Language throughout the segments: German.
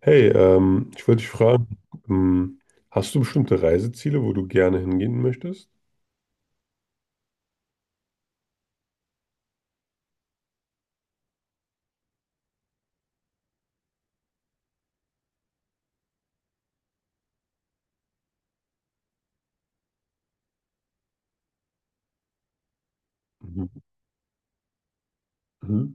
Hey, ich wollte dich fragen, ähm, hast du bestimmte Reiseziele, wo du gerne hingehen möchtest? Mhm. Mhm.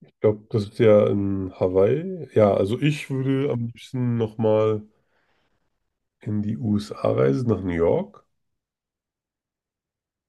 Ich glaube, das ist ja in Hawaii. Ja, also ich würde am liebsten nochmal in die USA reisen, nach New York.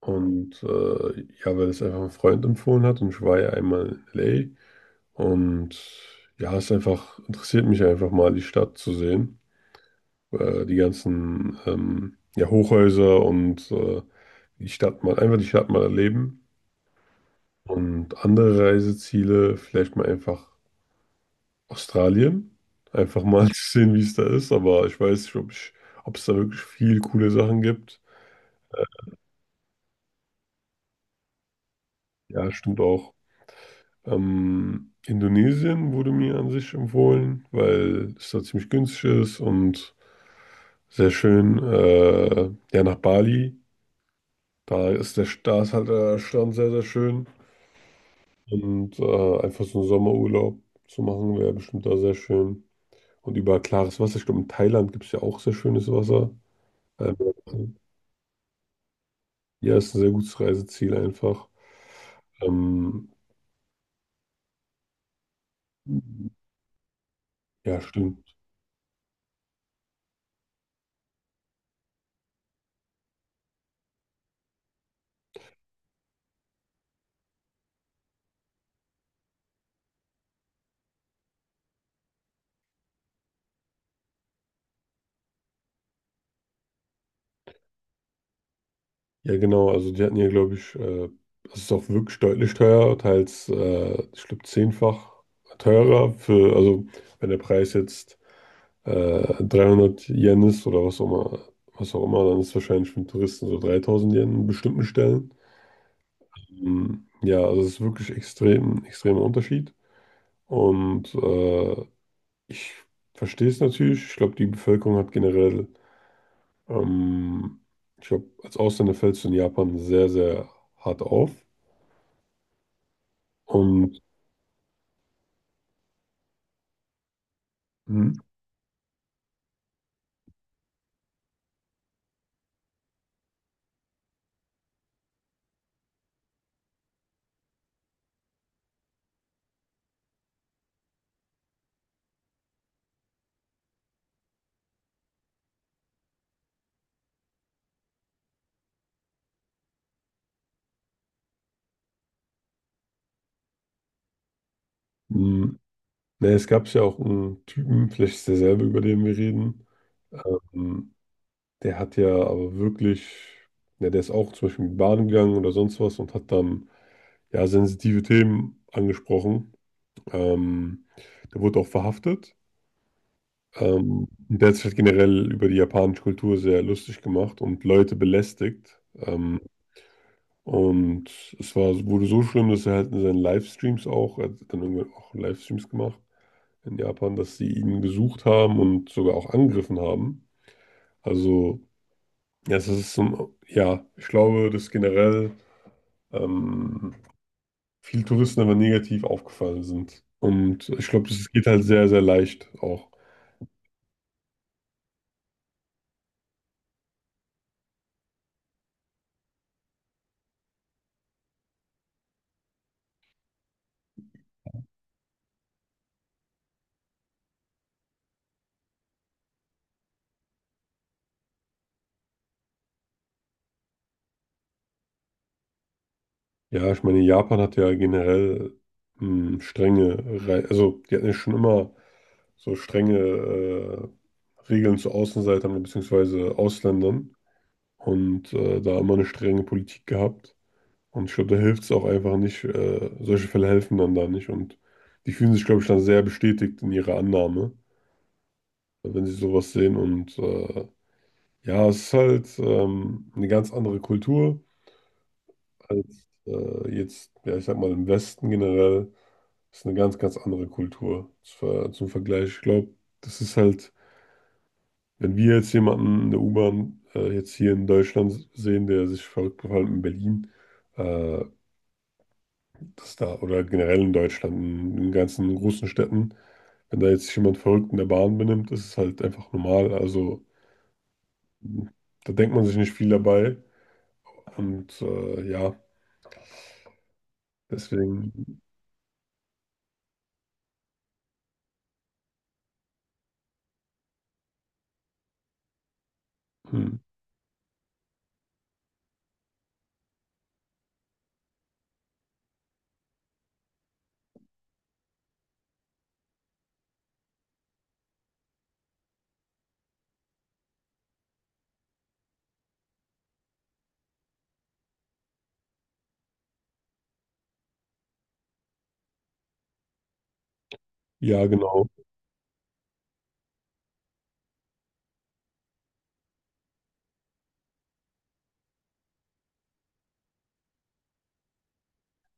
Und ja, weil es einfach ein Freund empfohlen hat und ich war ja einmal in LA. Und ja, es einfach interessiert mich einfach mal, die Stadt zu sehen. Die ganzen ja, Hochhäuser und die Stadt mal, einfach die Stadt mal erleben. Und andere Reiseziele, vielleicht mal einfach Australien. Einfach mal zu sehen, wie es da ist. Aber ich weiß nicht, ob es da wirklich viel coole Sachen gibt. Ja, stimmt auch. Indonesien wurde mir an sich empfohlen, weil es da ziemlich günstig ist und sehr schön. Ja, nach Bali. Da ist halt der Strand sehr, sehr schön. Und einfach so einen Sommerurlaub zu machen, wäre bestimmt da sehr schön. Und über klares Wasser. Ich glaube, in Thailand gibt es ja auch sehr schönes Wasser. Ähm, ja, ist ein sehr gutes Reiseziel einfach. Ähm, ja, stimmt. Ja, genau. Also die hatten ja, glaube ich, das ist auch wirklich deutlich teurer, teils, ich glaube, zehnfach teurer für, also wenn der Preis jetzt 300 Yen ist oder was auch immer, dann ist es wahrscheinlich für einen Touristen so 3000 Yen in bestimmten Stellen. Ja, also es ist wirklich extremer Unterschied. Und ich verstehe es natürlich. Ich glaube, die Bevölkerung hat generell, ähm, ich glaube, als Ausländer fällst du in Japan sehr, sehr hart auf. Und Mhm. mh, ne, es gab ja auch einen Typen, vielleicht ist derselbe, über den wir reden. Ähm, der hat ja aber wirklich, ne, der ist auch zum Beispiel in die Bahn gegangen oder sonst was und hat dann ja sensitive Themen angesprochen. Ähm, der wurde auch verhaftet. Der hat sich halt generell über die japanische Kultur sehr lustig gemacht und Leute belästigt. Und wurde so schlimm, dass er halt in seinen Livestreams auch, er hat dann irgendwann auch Livestreams gemacht in Japan, dass sie ihn gesucht haben und sogar auch angegriffen haben. Also, ja, es ist so, ja, ich glaube, dass generell ähm, viele Touristen aber negativ aufgefallen sind. Und ich glaube, das geht halt sehr, sehr leicht auch. Ja, ich meine, Japan hat ja generell strenge, also die hatten ja schon immer so strenge Regeln zu Außenseitern bzw. Ausländern und da immer eine strenge Politik gehabt. Und ich glaube, da hilft es auch einfach nicht, solche Fälle helfen dann da nicht. Und die fühlen sich, glaube ich, dann sehr bestätigt in ihrer Annahme, wenn sie sowas sehen. Und ja, es ist halt eine ganz andere Kultur als jetzt, ja, ich sag mal, im Westen generell. Das ist eine ganz, ganz andere Kultur zwar zum Vergleich. Ich glaube, das ist halt, wenn wir jetzt jemanden in der U-Bahn jetzt hier in Deutschland sehen, der sich verrückt verhält in Berlin, äh, das da, oder halt generell in Deutschland, in den ganzen großen Städten, wenn da jetzt sich jemand verrückt in der Bahn benimmt, ist es halt einfach normal. Also da denkt man sich nicht viel dabei. Und ja, deswegen, hm, ja, genau.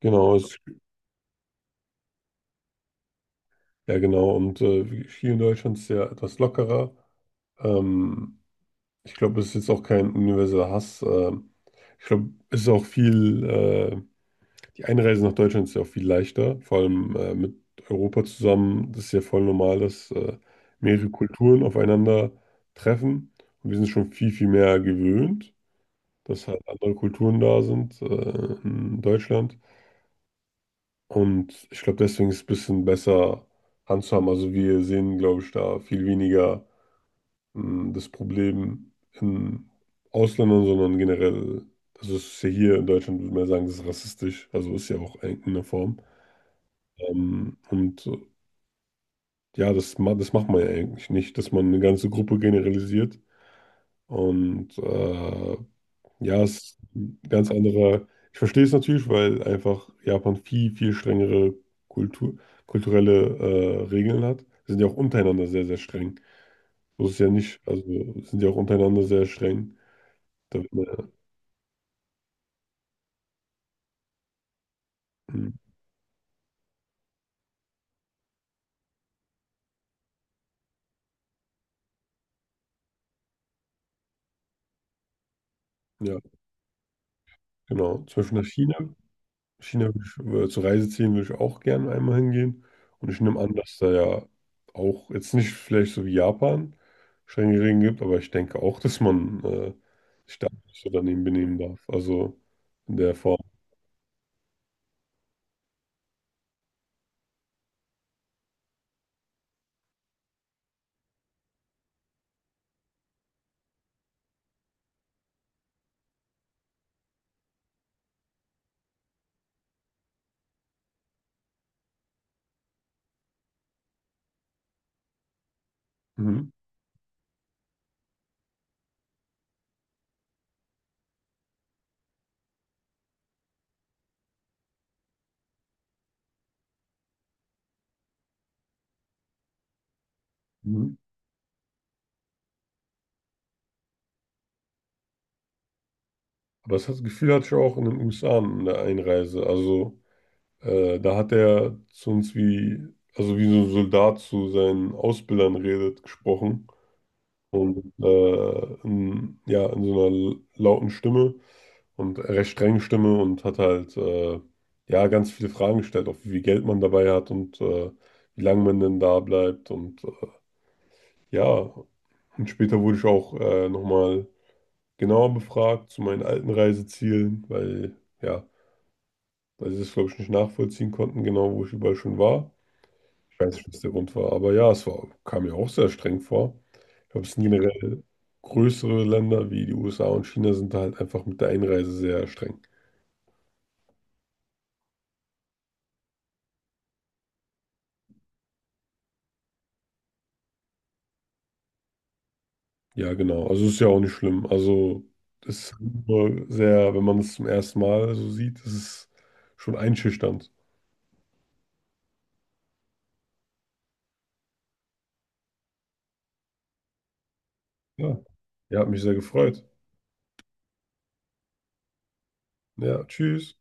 Genau, ist, ja, genau. Und hier in Deutschland ist es ja etwas lockerer. Ähm, Ich glaube, es ist jetzt auch kein universeller Hass. Ich glaube, es ist auch viel, die Einreise nach Deutschland ist ja auch viel leichter, vor allem mit Europa zusammen. Das ist ja voll normal, dass mehrere Kulturen aufeinander treffen. Und wir sind schon viel, viel mehr gewöhnt, dass halt andere Kulturen da sind in Deutschland. Und ich glaube, deswegen ist es ein bisschen besser handzuhaben. Also wir sehen, glaube ich, da viel weniger. Das Problem in Ausländern, sondern generell, also es ist ja hier in Deutschland, würde man ja sagen, das ist rassistisch, also ist ja auch in einer Form. Und ja, das macht man ja eigentlich nicht, dass man eine ganze Gruppe generalisiert. Und ja, es ist ein ganz anderer. Ich verstehe es natürlich, weil einfach Japan viel, viel strengere Kultur, kulturelle Regeln hat. Sie sind ja auch untereinander sehr, sehr streng. So ist es ja nicht. Also sind ja auch untereinander sehr streng. Da, wird man ja Hm. Ja, genau. Zum Beispiel nach China. China will ich, zur Reise ziehen, will ich auch gerne einmal hingehen. Und ich nehme an, dass da ja auch jetzt nicht vielleicht so wie Japan strenge Regeln gibt, aber ich denke auch, dass man sich da nicht so daneben benehmen darf. Also in der Form. Mhm. Mhm. Gefühl hatte ich auch in den USA in der Einreise. Also da hat er also wie so ein Soldat zu seinen Ausbildern redet, gesprochen. Und ja, in so einer lauten Stimme und recht strengen Stimme und hat halt ja ganz viele Fragen gestellt, auch wie viel Geld man dabei hat und wie lange man denn da bleibt und ja, und später wurde ich auch nochmal genauer befragt zu meinen alten Reisezielen, weil sie das glaube ich nicht nachvollziehen konnten, genau wo ich überall schon war. Ich weiß nicht, was der Grund war, aber ja, kam mir auch sehr streng vor. Ich glaube, es sind generell größere Länder wie die USA und China sind da halt einfach mit der Einreise sehr streng. Ja, genau. Also ist ja auch nicht schlimm. Also es ist halt nur sehr, wenn man es zum ersten Mal so sieht, ist es schon einschüchternd. Ja, ja, hat mich sehr gefreut. Ja, tschüss.